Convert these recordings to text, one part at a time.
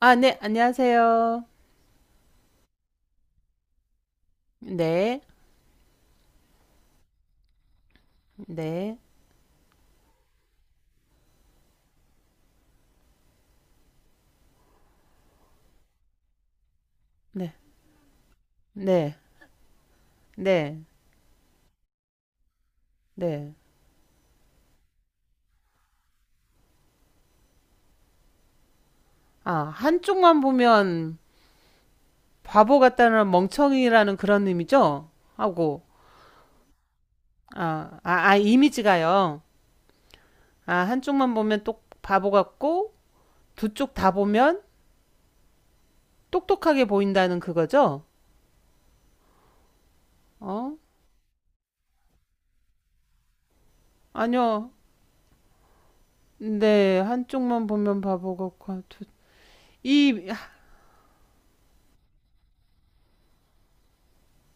아, 네, 안녕하세요. 네, 네, 네, 네, 네, 네. 아, 한쪽만 보면 바보 같다는 멍청이라는 그런 의미죠? 하고, 아, 아, 아, 이미지가요. 아, 한쪽만 보면 똑 바보 같고, 두 쪽 다 보면 똑똑하게 보인다는 그거죠? 어? 아니요. 네, 한쪽만 보면 바보 같고, 두, 이,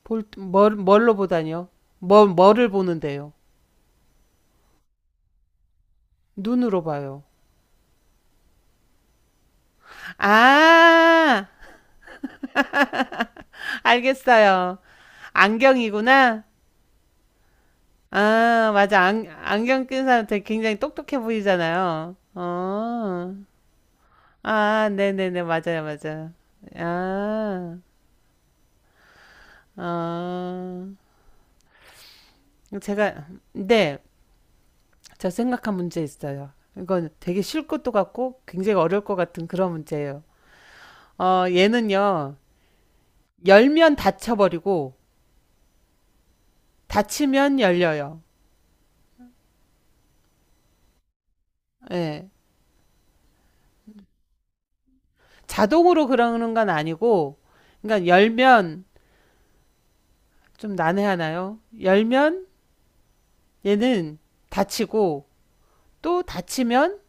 볼, 뭘, 뭘로 보다니요? 뭘, 뭐를 보는데요? 눈으로 봐요. 아, 알겠어요. 안경이구나. 아, 맞아. 안, 안경 낀 사람한테 굉장히 똑똑해 보이잖아요. 어. 아, 네네네. 맞아요, 맞아요. 아, 어. 제가, 네. 저 생각한 문제 있어요. 이건 되게 쉬울 것도 같고 굉장히 어려울 것 같은 그런 문제예요. 어, 얘는요. 열면 닫혀버리고 닫히면 열려요. 예. 자동으로 그러는 건 아니고, 그러니까 열면 좀 난해하나요? 열면 얘는 닫히고 또 닫히면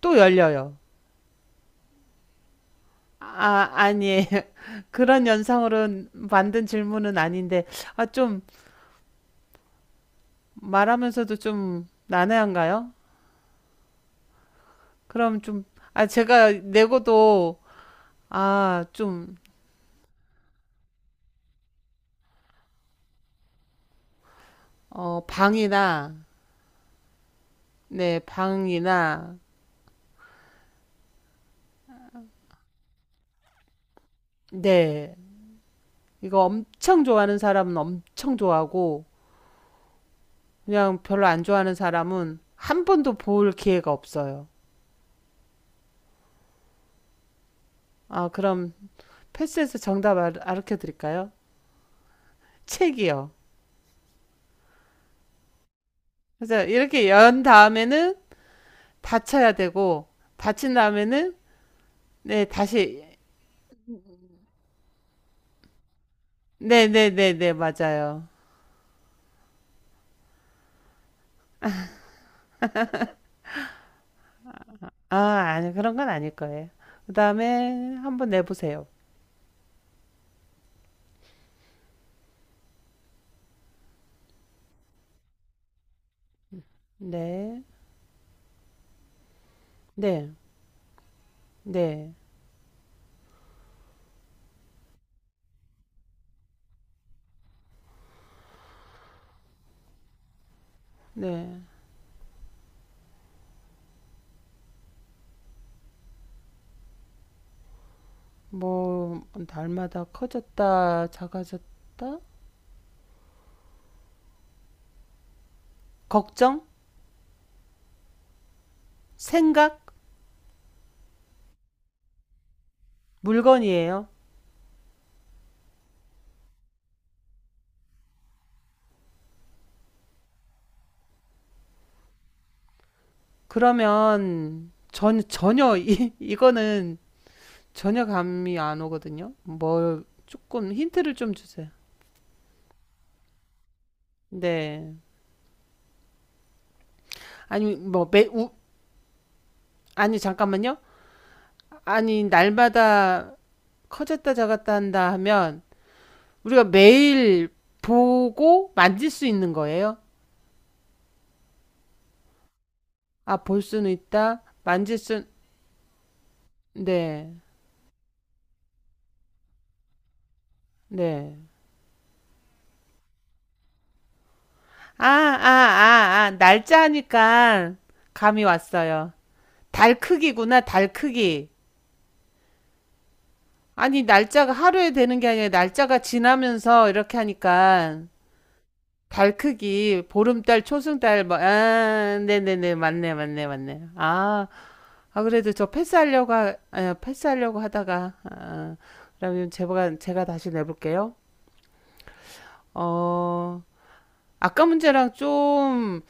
또 열려요. 아, 아니에요. 그런 연상으로 만든 질문은 아닌데, 아, 좀 말하면서도 좀 난해한가요? 그럼 좀, 아, 제가 내고도, 아, 좀, 어, 방이나, 네, 방이나, 네. 이거 엄청 좋아하는 사람은 엄청 좋아하고, 그냥 별로 안 좋아하는 사람은 한 번도 볼 기회가 없어요. 아, 그럼 패스에서 정답 알, 아르켜 드릴까요? 책이요. 그래서 이렇게 연 다음에는 닫혀야 되고, 닫힌 다음에는, 네, 다시, 네네네네, 네, 네, 네, 맞아요. 아, 아니, 그런 건 아닐 거예요. 그 다음에 한번 내보세요. 네, 네, 네, 네. 뭐, 날마다 커졌다, 작아졌다? 걱정? 생각? 물건이에요. 그러면 전, 전혀 이, 이거는 전혀 감이 안 오거든요. 뭘 조금 힌트를 좀 주세요. 네. 아니 뭐 매, 우, 아니 잠깐만요. 아니 날마다 커졌다 작았다 한다 하면 우리가 매일 보고 만질 수 있는 거예요? 아, 볼 수는 있다. 만질 수 네. 네. 아, 아, 아, 아. 날짜 하니까 감이 왔어요. 달 크기구나, 달 크기. 아니, 날짜가 하루에 되는 게 아니라 날짜가 지나면서 이렇게 하니까 달 크기, 보름달, 초승달, 뭐, 아, 네네네, 맞네, 맞네, 맞네. 아, 아, 그래도 저 패스하려고, 하- 아, 패스하려고 하다가, 아, 그러면 제가, 제가 다시 내볼게요. 어, 아까 문제랑 좀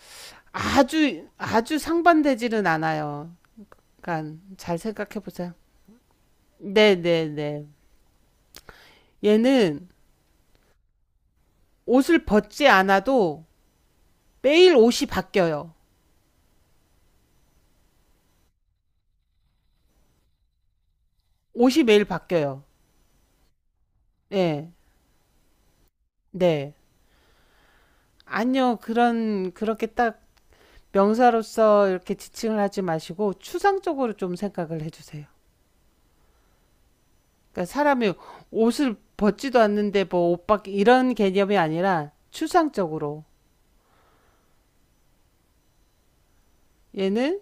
아주, 아주 상반되지는 않아요. 그러니까 잘 생각해 보세요. 네네네. 얘는 옷을 벗지 않아도 매일 옷이 바뀌어요. 옷이 매일 바뀌어요. 네, 네. 아니요. 그런 그렇게 딱 명사로서 이렇게 지칭을 하지 마시고 추상적으로 좀 생각을 해 주세요. 그러니까 사람이 옷을 벗지도 않는데 뭐 옷밖에 이런 개념이 아니라 추상적으로 얘는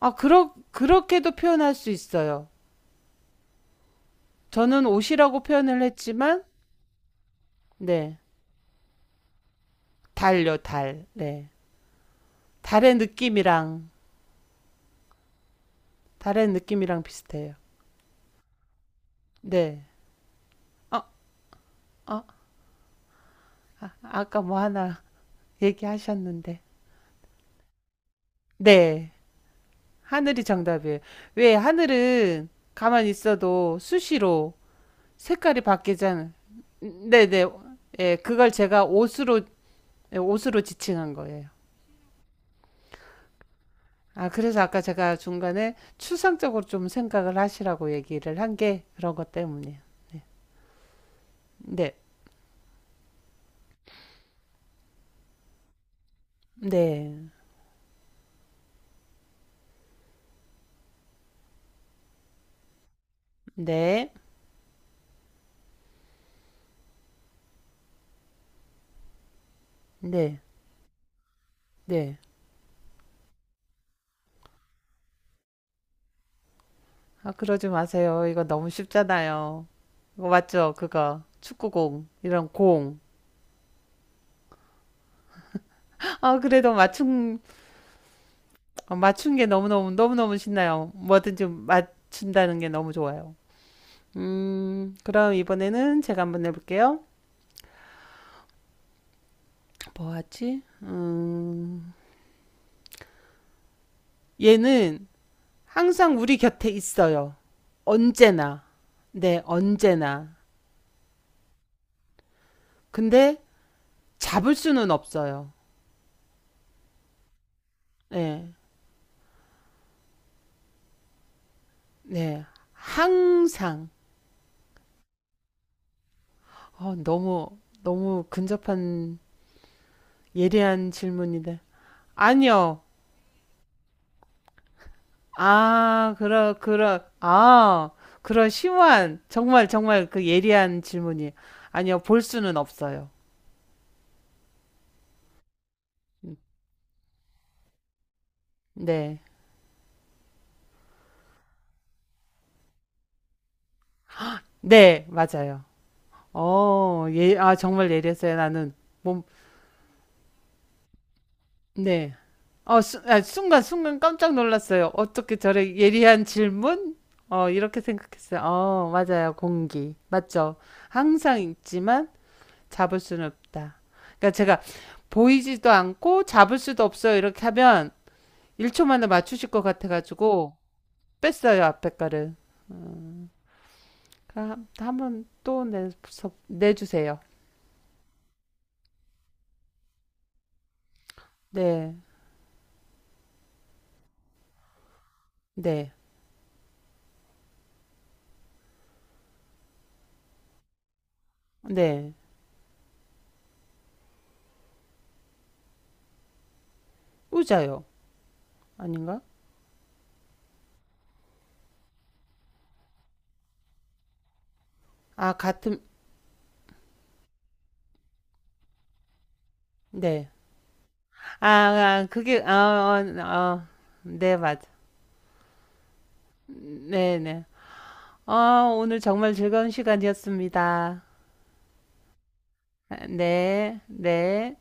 아 그러 그렇게도 표현할 수 있어요. 저는 옷이라고 표현을 했지만 네. 달요 달. 네. 달의 느낌이랑 달의 느낌이랑 비슷해요. 네. 어, 어, 아, 아까 뭐 하나 얘기하셨는데. 네. 하늘이 정답이에요. 왜 하늘은 가만히 있어도 수시로 색깔이 바뀌잖아요. 네네. 예, 그걸 제가 옷으로, 예, 옷으로 지칭한 거예요. 아, 그래서 아까 제가 중간에 추상적으로 좀 생각을 하시라고 얘기를 한 게 그런 것 때문이에요. 네. 네. 네. 네. 네. 네. 아, 그러지 마세요. 이거 너무 쉽잖아요. 이거 맞죠? 그거. 축구공. 이런 공. 아, 그래도 맞춘, 어, 맞춘 게 너무너무, 너무너무 신나요. 뭐든지 맞춘다는 게 너무 좋아요. 그럼 이번에는 제가 한번 해볼게요. 뭐 하지? 얘는 항상 우리 곁에 있어요. 언제나. 네, 언제나. 근데 잡을 수는 없어요. 네, 네. 항상. 어, 너무, 너무 근접한 예리한 질문인데. 아니요. 아, 그러, 그러, 아, 그런 심오한, 정말, 정말 그 예리한 질문이. 아니요, 볼 수는 없어요. 음, 네. 네, 맞아요. 어, 예, 아, 정말 예리했어요. 나는, 몸, 네. 어, 수, 아, 순간, 순간 깜짝 놀랐어요. 어떻게 저래 예리한 질문? 어, 이렇게 생각했어요. 어, 맞아요. 공기. 맞죠? 항상 있지만 잡을 수는 없다. 그러니까 제가 보이지도 않고 잡을 수도 없어요. 이렇게 하면 1초 만에 맞추실 것 같아가지고 뺐어요 앞에 거를. 그럼 한번 또 내, 내주세요. 네, 네, 네. 우자요. 아닌가? 아, 같은, 네. 아, 아 그게, 아, 어, 어, 네, 맞아. 네, 네. 어, 오늘 정말 즐거운 시간이었습니다. 네, 네.